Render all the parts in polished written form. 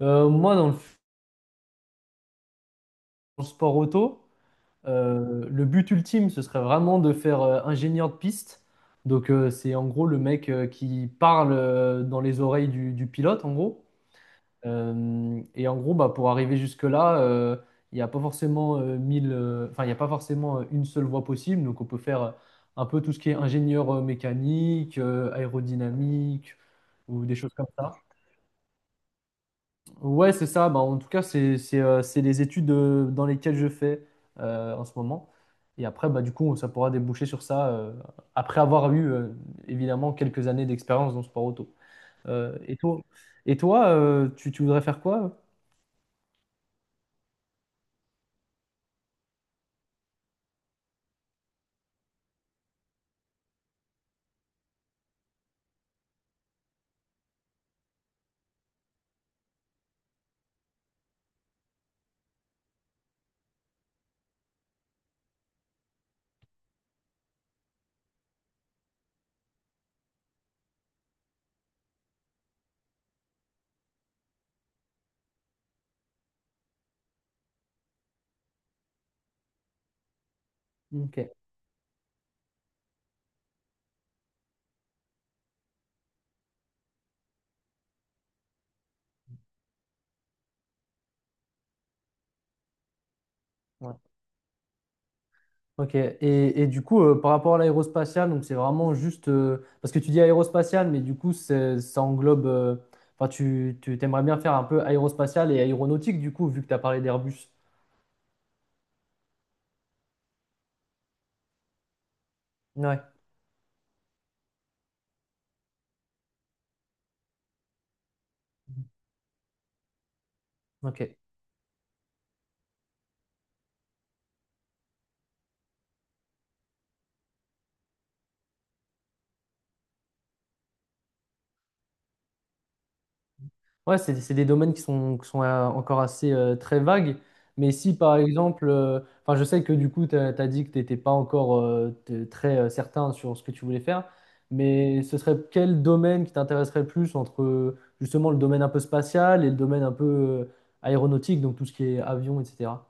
Moi, dans le sport auto, le but ultime, ce serait vraiment de faire, ingénieur de piste. Donc, c'est en gros le mec, qui parle, dans les oreilles du pilote, en gros. Et en gros, bah, pour arriver jusque-là, il n'y a pas forcément, il n'y a pas forcément, une seule voie possible. Donc, on peut faire, un peu tout ce qui est ingénieur, mécanique, aérodynamique ou des choses comme ça. Ouais, c'est ça. Bah, en tout cas, c'est les études, dans lesquelles je fais, en ce moment. Et après, bah, du coup, ça pourra déboucher sur ça, après avoir eu, évidemment quelques années d'expérience dans le sport auto. Euh, et toi, et toi, tu voudrais faire quoi? Ok. Ouais. Ok. Et du coup, par rapport à l'aérospatiale, donc c'est vraiment juste, parce que tu dis aérospatiale, mais du coup, ça englobe. Enfin, tu aimerais bien faire un peu aérospatiale et aéronautique, du coup, vu que tu as parlé d'Airbus. Ouais. Ok. Ouais, c'est des domaines qui sont, encore assez, très vagues. Mais si par exemple, enfin, je sais que du coup, tu as dit que tu n'étais pas encore, très, certain sur ce que tu voulais faire, mais ce serait quel domaine qui t'intéresserait le plus entre, justement le domaine un peu spatial et le domaine un peu, aéronautique, donc tout ce qui est avion, etc.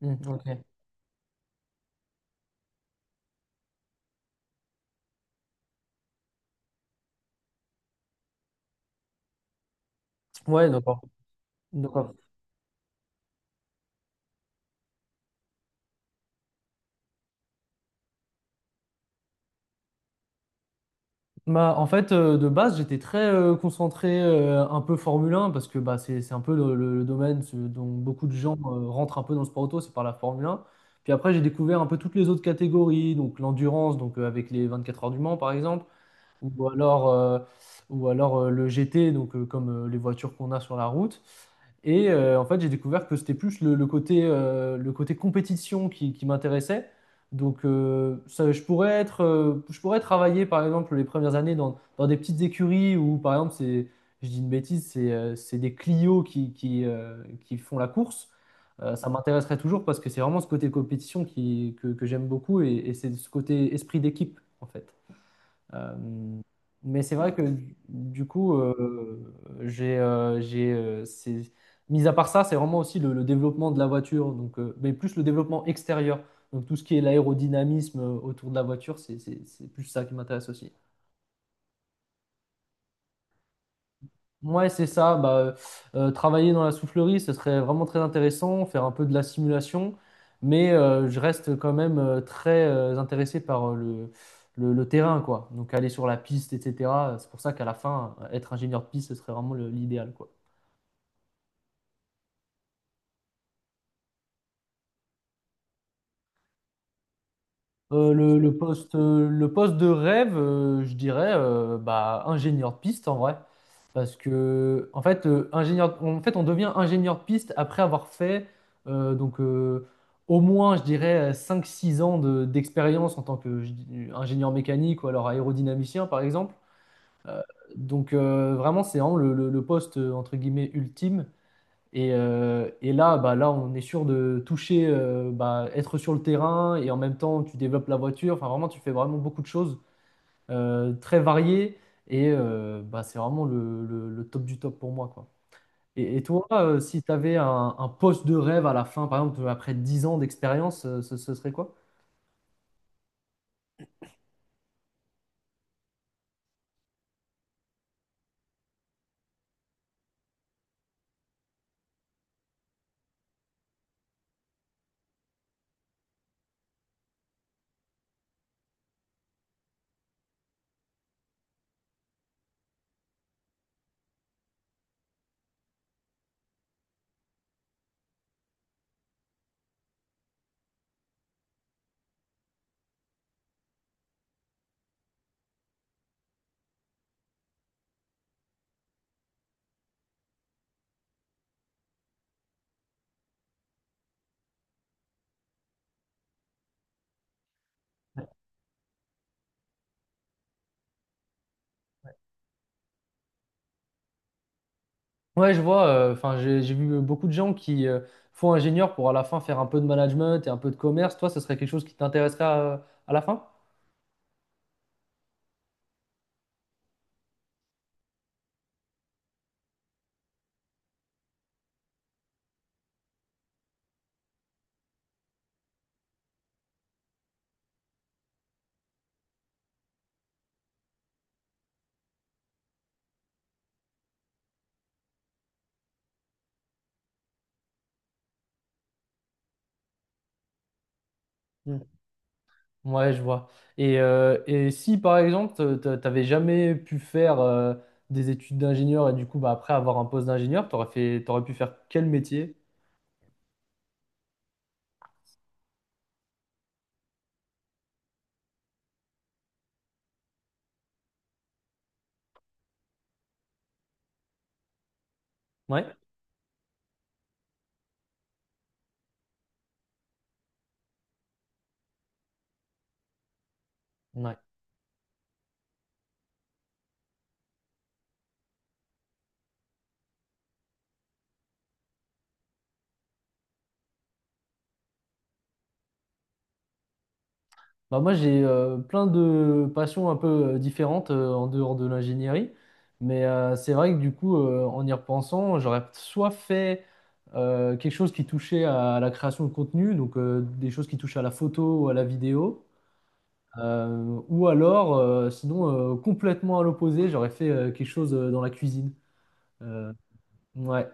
Ouais. Hmm, ok. Ouais, d'accord. Bah, en fait, de base, j'étais très, concentré, un peu Formule 1, parce que bah, c'est un peu le domaine dont beaucoup de gens, rentrent un peu dans le sport auto, c'est par la Formule 1. Puis après, j'ai découvert un peu toutes les autres catégories, donc l'endurance, donc, avec les 24 heures du Mans par exemple, ou alors, euh, ou alors, le GT, donc, comme, les voitures qu'on a sur la route. Et, en fait, j'ai découvert que c'était plus le côté compétition qui m'intéressait. Donc, ça, je pourrais travailler, par exemple, les premières années dans des petites écuries où, par exemple, c'est, je dis une bêtise, c'est des Clio, qui font la course. Ça m'intéresserait toujours parce que c'est vraiment ce côté compétition que j'aime beaucoup et c'est ce côté esprit d'équipe, en fait. Euh, mais c'est vrai que du coup, j'ai, euh, j'ai, euh, c'est- mis à part ça, c'est vraiment aussi le développement de la voiture, donc, mais plus le développement extérieur. Donc tout ce qui est l'aérodynamisme, autour de la voiture, c'est plus ça qui m'intéresse aussi. Ouais, c'est ça. Bah, travailler dans la soufflerie, ce serait vraiment très intéressant, faire un peu de la simulation, mais, je reste quand même, très, intéressé par, le terrain, quoi. Donc aller sur la piste, etc. C'est pour ça qu'à la fin, être ingénieur de piste, ce serait vraiment l'idéal, quoi. Le poste de rêve, je dirais, bah, ingénieur de piste en vrai. Parce que, en fait, en fait, on devient ingénieur de piste après avoir fait, euh, donc, euh, au moins, je dirais, cinq six ans d'expérience en tant qu'ingénieur mécanique ou alors aérodynamicien, par exemple. Euh, Vraiment, c'est vraiment le poste, entre guillemets, ultime. Et là, bah, là, on est sûr de toucher, bah, être sur le terrain et en même temps, tu développes la voiture. Enfin, vraiment, tu fais vraiment beaucoup de choses, très variées et, bah, c'est vraiment le top du top pour moi, quoi. Et toi, si tu avais un poste de rêve à la fin, par exemple, après 10 ans d'expérience, ce serait quoi? Ouais, je vois. Enfin, j'ai vu beaucoup de gens qui, font ingénieur pour à la fin faire un peu de management et un peu de commerce. Toi, ce serait quelque chose qui t'intéresserait à la fin? Ouais, je vois. Et si par exemple, t'avais jamais pu faire, des études d'ingénieur, et du coup, bah, après avoir un poste d'ingénieur, t'aurais pu faire quel métier? Ouais. Ouais. Bah, moi, j'ai, plein de passions un peu, différentes, en dehors de l'ingénierie. Mais, c'est vrai que du coup, en y repensant, j'aurais soit fait, quelque chose qui touchait à la création de contenu, donc, des choses qui touchent à la photo ou à la vidéo. Euh, ou alors, sinon, complètement à l'opposé, j'aurais fait, quelque chose, dans la cuisine. Euh, ouais.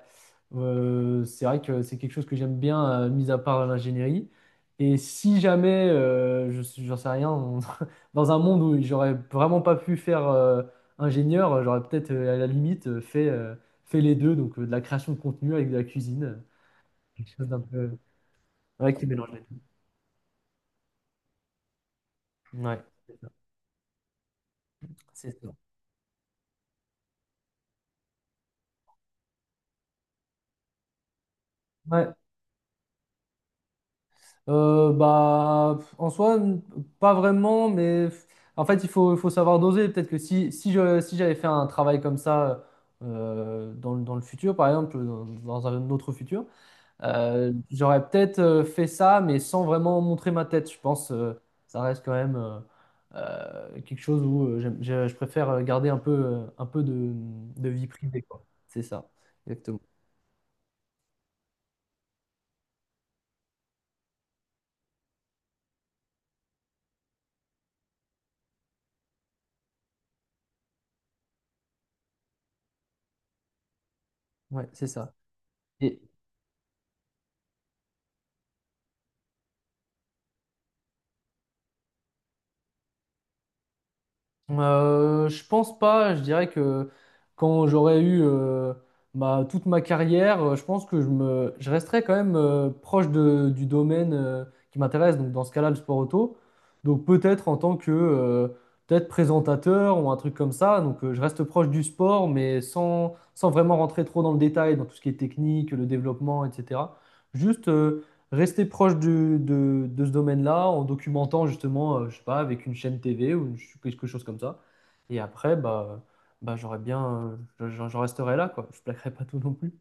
C'est vrai que c'est quelque chose que j'aime bien, mis à part l'ingénierie. Et si jamais, j'en sais rien, dans un monde où j'aurais vraiment pas pu faire, ingénieur, j'aurais peut-être, à la limite, fait les deux, donc, de la création de contenu avec de la cuisine, quelque chose d'un peu, ouais, qui mélange les deux. Ouais, c'est ça. C'est ça. Ouais. Bah, pff, en soi, pas vraiment, mais pff, en fait, il faut savoir doser. Peut-être que si j'avais fait un travail comme ça, dans le futur, par exemple, dans un autre futur, j'aurais peut-être, fait ça, mais sans vraiment montrer ma tête. Je pense, ça reste quand même, quelque chose où, je préfère garder un peu de vie privée, quoi. C'est ça, exactement. Ouais, c'est ça. Je pense pas, je dirais que quand j'aurais eu, toute ma carrière, je pense que je resterais quand même, proche du domaine, qui m'intéresse, donc dans ce cas-là, le sport auto. Donc peut-être en tant que, peut-être présentateur ou un truc comme ça, donc, je reste proche du sport, mais sans vraiment rentrer trop dans le détail, dans tout ce qui est technique, le développement, etc. Juste, rester proche de ce domaine-là en documentant justement, je sais pas, avec une chaîne TV ou quelque chose comme ça. Et après, bah j'aurais bien, j'en resterai là, quoi. Je plaquerai pas tout non plus.